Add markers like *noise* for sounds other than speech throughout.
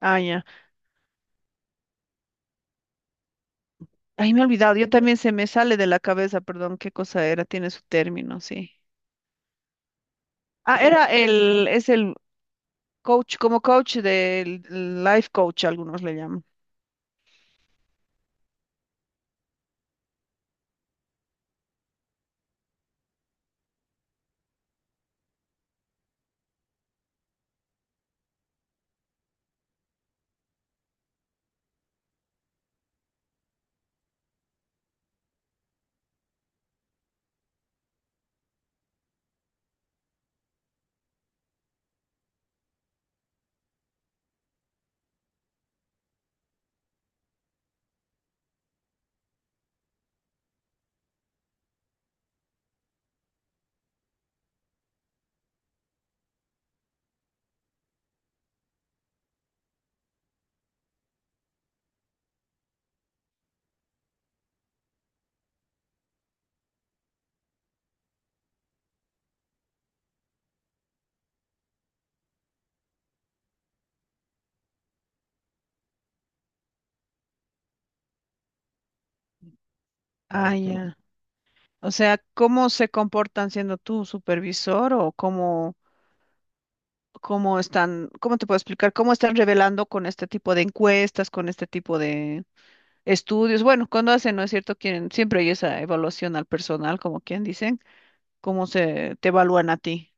Ah, ya. Ay, me he olvidado. Yo también se me sale de la cabeza, perdón, qué cosa era. Tiene su término, sí. Ah, era es el coach, como coach del life coach, algunos le llaman. Ah, ya. O sea, ¿cómo se comportan siendo tu supervisor o cómo están, cómo te puedo explicar, cómo están revelando con este tipo de encuestas, con este tipo de estudios? Bueno, cuando hacen, ¿no es cierto? Quieren, siempre hay esa evaluación al personal, como quien dicen, cómo se te evalúan a ti.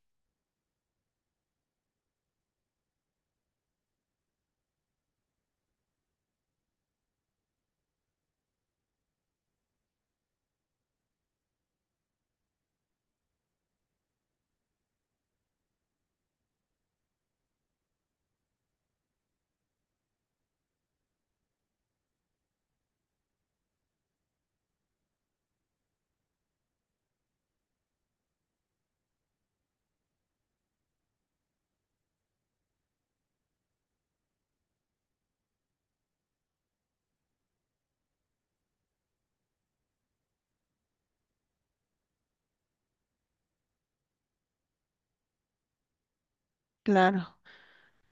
Claro.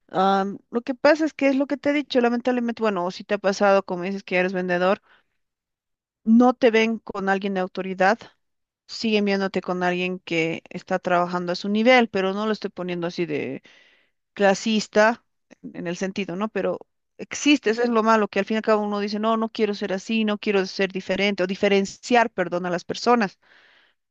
Lo que pasa es que es lo que te he dicho, lamentablemente, bueno, o si te ha pasado, como dices que eres vendedor, no te ven con alguien de autoridad, siguen viéndote con alguien que está trabajando a su nivel, pero no lo estoy poniendo así de clasista en el sentido, ¿no? Pero existe, eso es lo malo, que al fin y al cabo uno dice, no, no quiero ser así, no quiero ser diferente o diferenciar, perdón, a las personas.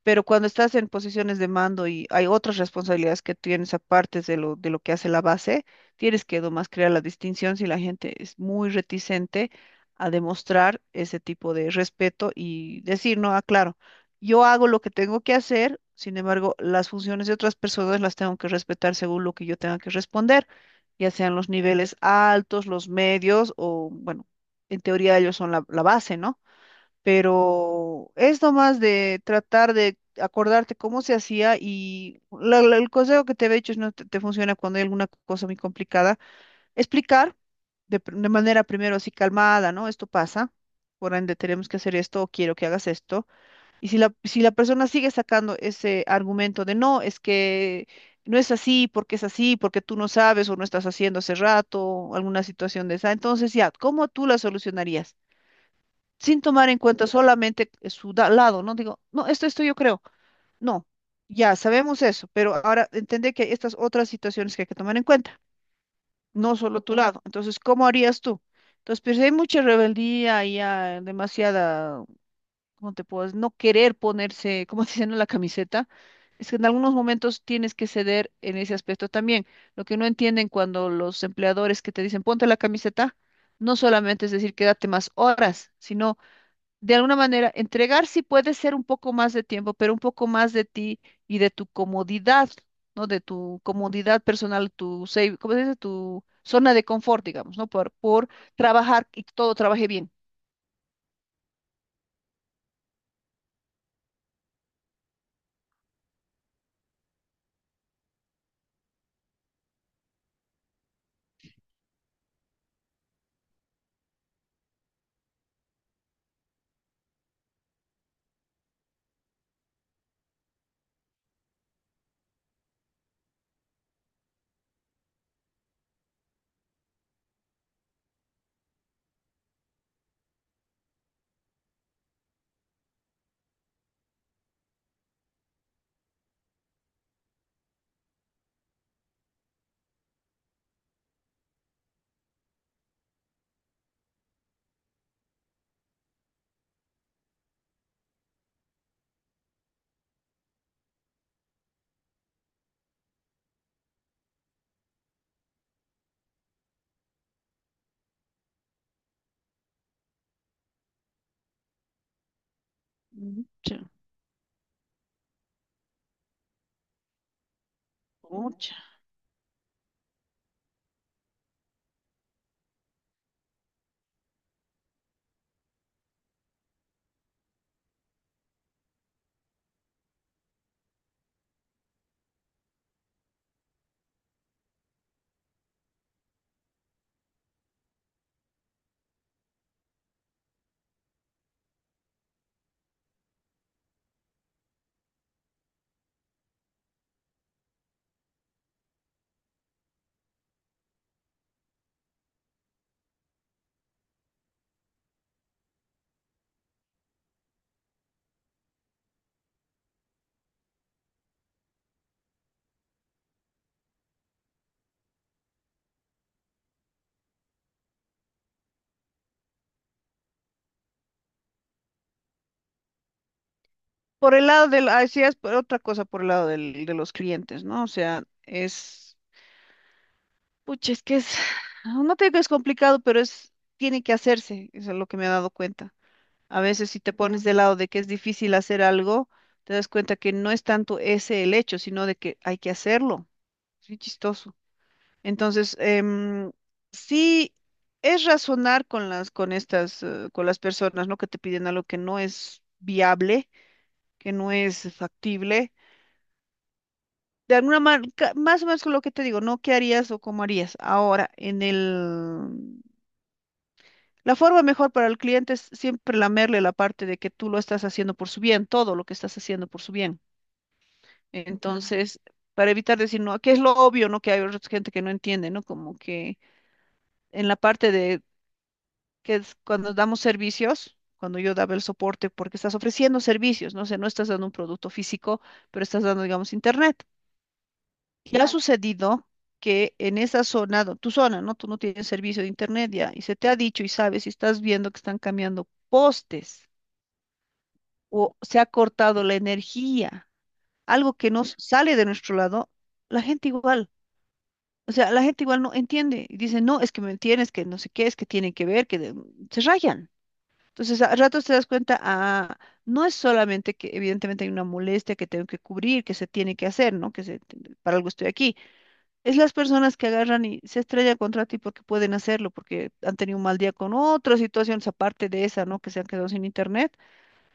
Pero cuando estás en posiciones de mando y hay otras responsabilidades que tienes aparte de de lo que hace la base, tienes que nomás crear la distinción si la gente es muy reticente a demostrar ese tipo de respeto y decir, no, ah, claro, yo hago lo que tengo que hacer, sin embargo, las funciones de otras personas las tengo que respetar según lo que yo tenga que responder, ya sean los niveles altos, los medios o, bueno, en teoría ellos son la base, ¿no? Pero es nomás de tratar de acordarte cómo se hacía y el consejo que te he hecho es no te funciona cuando hay alguna cosa muy complicada, explicar de manera primero así calmada, ¿no? Esto pasa, por ende tenemos que hacer esto o quiero que hagas esto. Y si la persona sigue sacando ese argumento de no, es que no es así, porque es así, porque tú no sabes o no estás haciendo hace rato, o alguna situación de esa, entonces ya, ¿cómo tú la solucionarías? Sin tomar en cuenta solamente lado, ¿no? Digo, no, esto yo creo. No, ya sabemos eso, pero ahora entender que hay estas otras situaciones que hay que tomar en cuenta, no solo tu lado. Entonces, ¿cómo harías tú? Entonces, pues hay mucha rebeldía y hay demasiada, ¿cómo te puedes? No querer ponerse, como *laughs* dicen en la camiseta. Es que en algunos momentos tienes que ceder en ese aspecto también. Lo que no entienden cuando los empleadores que te dicen ponte la camiseta, no solamente es decir quédate más horas, sino de alguna manera, entregar sí puede ser un poco más de tiempo, pero un poco más de ti y de tu comodidad, ¿no? De tu comodidad personal, tu safe, ¿cómo se dice? Tu zona de confort, digamos, ¿no? Por trabajar y que todo trabaje bien. Mucha, mucha. Por el lado del sí, es por otra cosa por el lado de los clientes, ¿no? O sea, pucha, es que *sighs* no te digo que es complicado, pero es, tiene que hacerse, eso es lo que me he dado cuenta. A veces si te pones del lado de que es difícil hacer algo, te das cuenta que no es tanto ese el hecho, sino de que hay que hacerlo. Es muy chistoso. Entonces, sí es razonar con con estas, con las personas, ¿no? Que te piden algo que no es viable, que no es factible. De alguna manera, más o menos con lo que te digo, ¿no? ¿Qué harías o cómo harías? Ahora, en el... La forma mejor para el cliente es siempre lamerle la parte de que tú lo estás haciendo por su bien, todo lo que estás haciendo por su bien. Entonces, para evitar decir, no, que es lo obvio, ¿no? Que hay otra gente que no entiende, ¿no? Como que en la parte de que es cuando damos servicios, cuando yo daba el soporte, porque estás ofreciendo servicios, ¿no? O sea, no estás dando un producto físico, pero estás dando, digamos, internet. Y ha Claro. sucedido que en esa zona, tu zona, ¿no? Tú no tienes servicio de internet ya, y se te ha dicho y sabes y estás viendo que están cambiando postes o se ha cortado la energía, algo que nos sale de nuestro lado, la gente igual. O sea, la gente igual no entiende y dice, no, es que me entiendes que no sé qué, es que tienen que ver, se rayan. Entonces, a ratos te das cuenta, ah, no es solamente que evidentemente hay una molestia que tengo que cubrir, que se tiene que hacer, ¿no? Que se, para algo estoy aquí. Es las personas que agarran y se estrellan contra ti porque pueden hacerlo, porque han tenido un mal día con otras situaciones aparte de esa, ¿no? Que se han quedado sin internet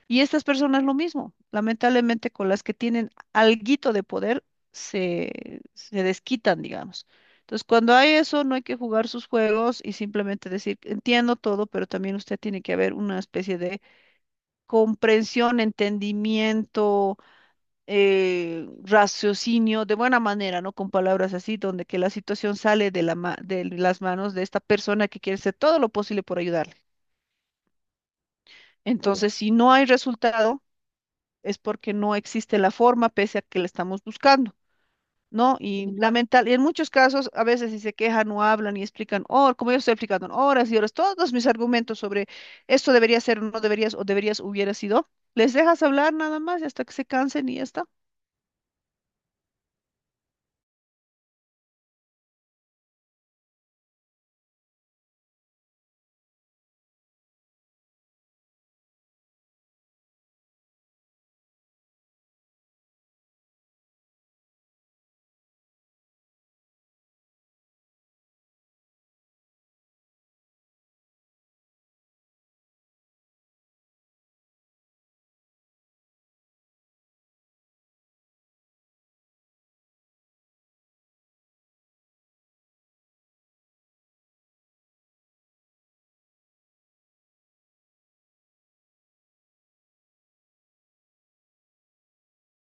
y estas personas lo mismo, lamentablemente con las que tienen alguito de poder, se desquitan, digamos. Entonces, cuando hay eso, no hay que jugar sus juegos y simplemente decir, entiendo todo, pero también usted tiene que haber una especie de comprensión, entendimiento, raciocinio, de buena manera, ¿no? Con palabras así, donde que la situación sale de de las manos de esta persona que quiere hacer todo lo posible por ayudarle. Entonces, si no hay resultado, es porque no existe la forma pese a que la estamos buscando, ¿no? Y Ujú. Lamental, y en muchos casos, a veces si se quejan o hablan y explican, oh, como yo estoy explicando, en horas y horas, todos mis argumentos sobre esto debería ser o no deberías o deberías hubiera sido, les dejas hablar nada más y hasta que se cansen y ya está.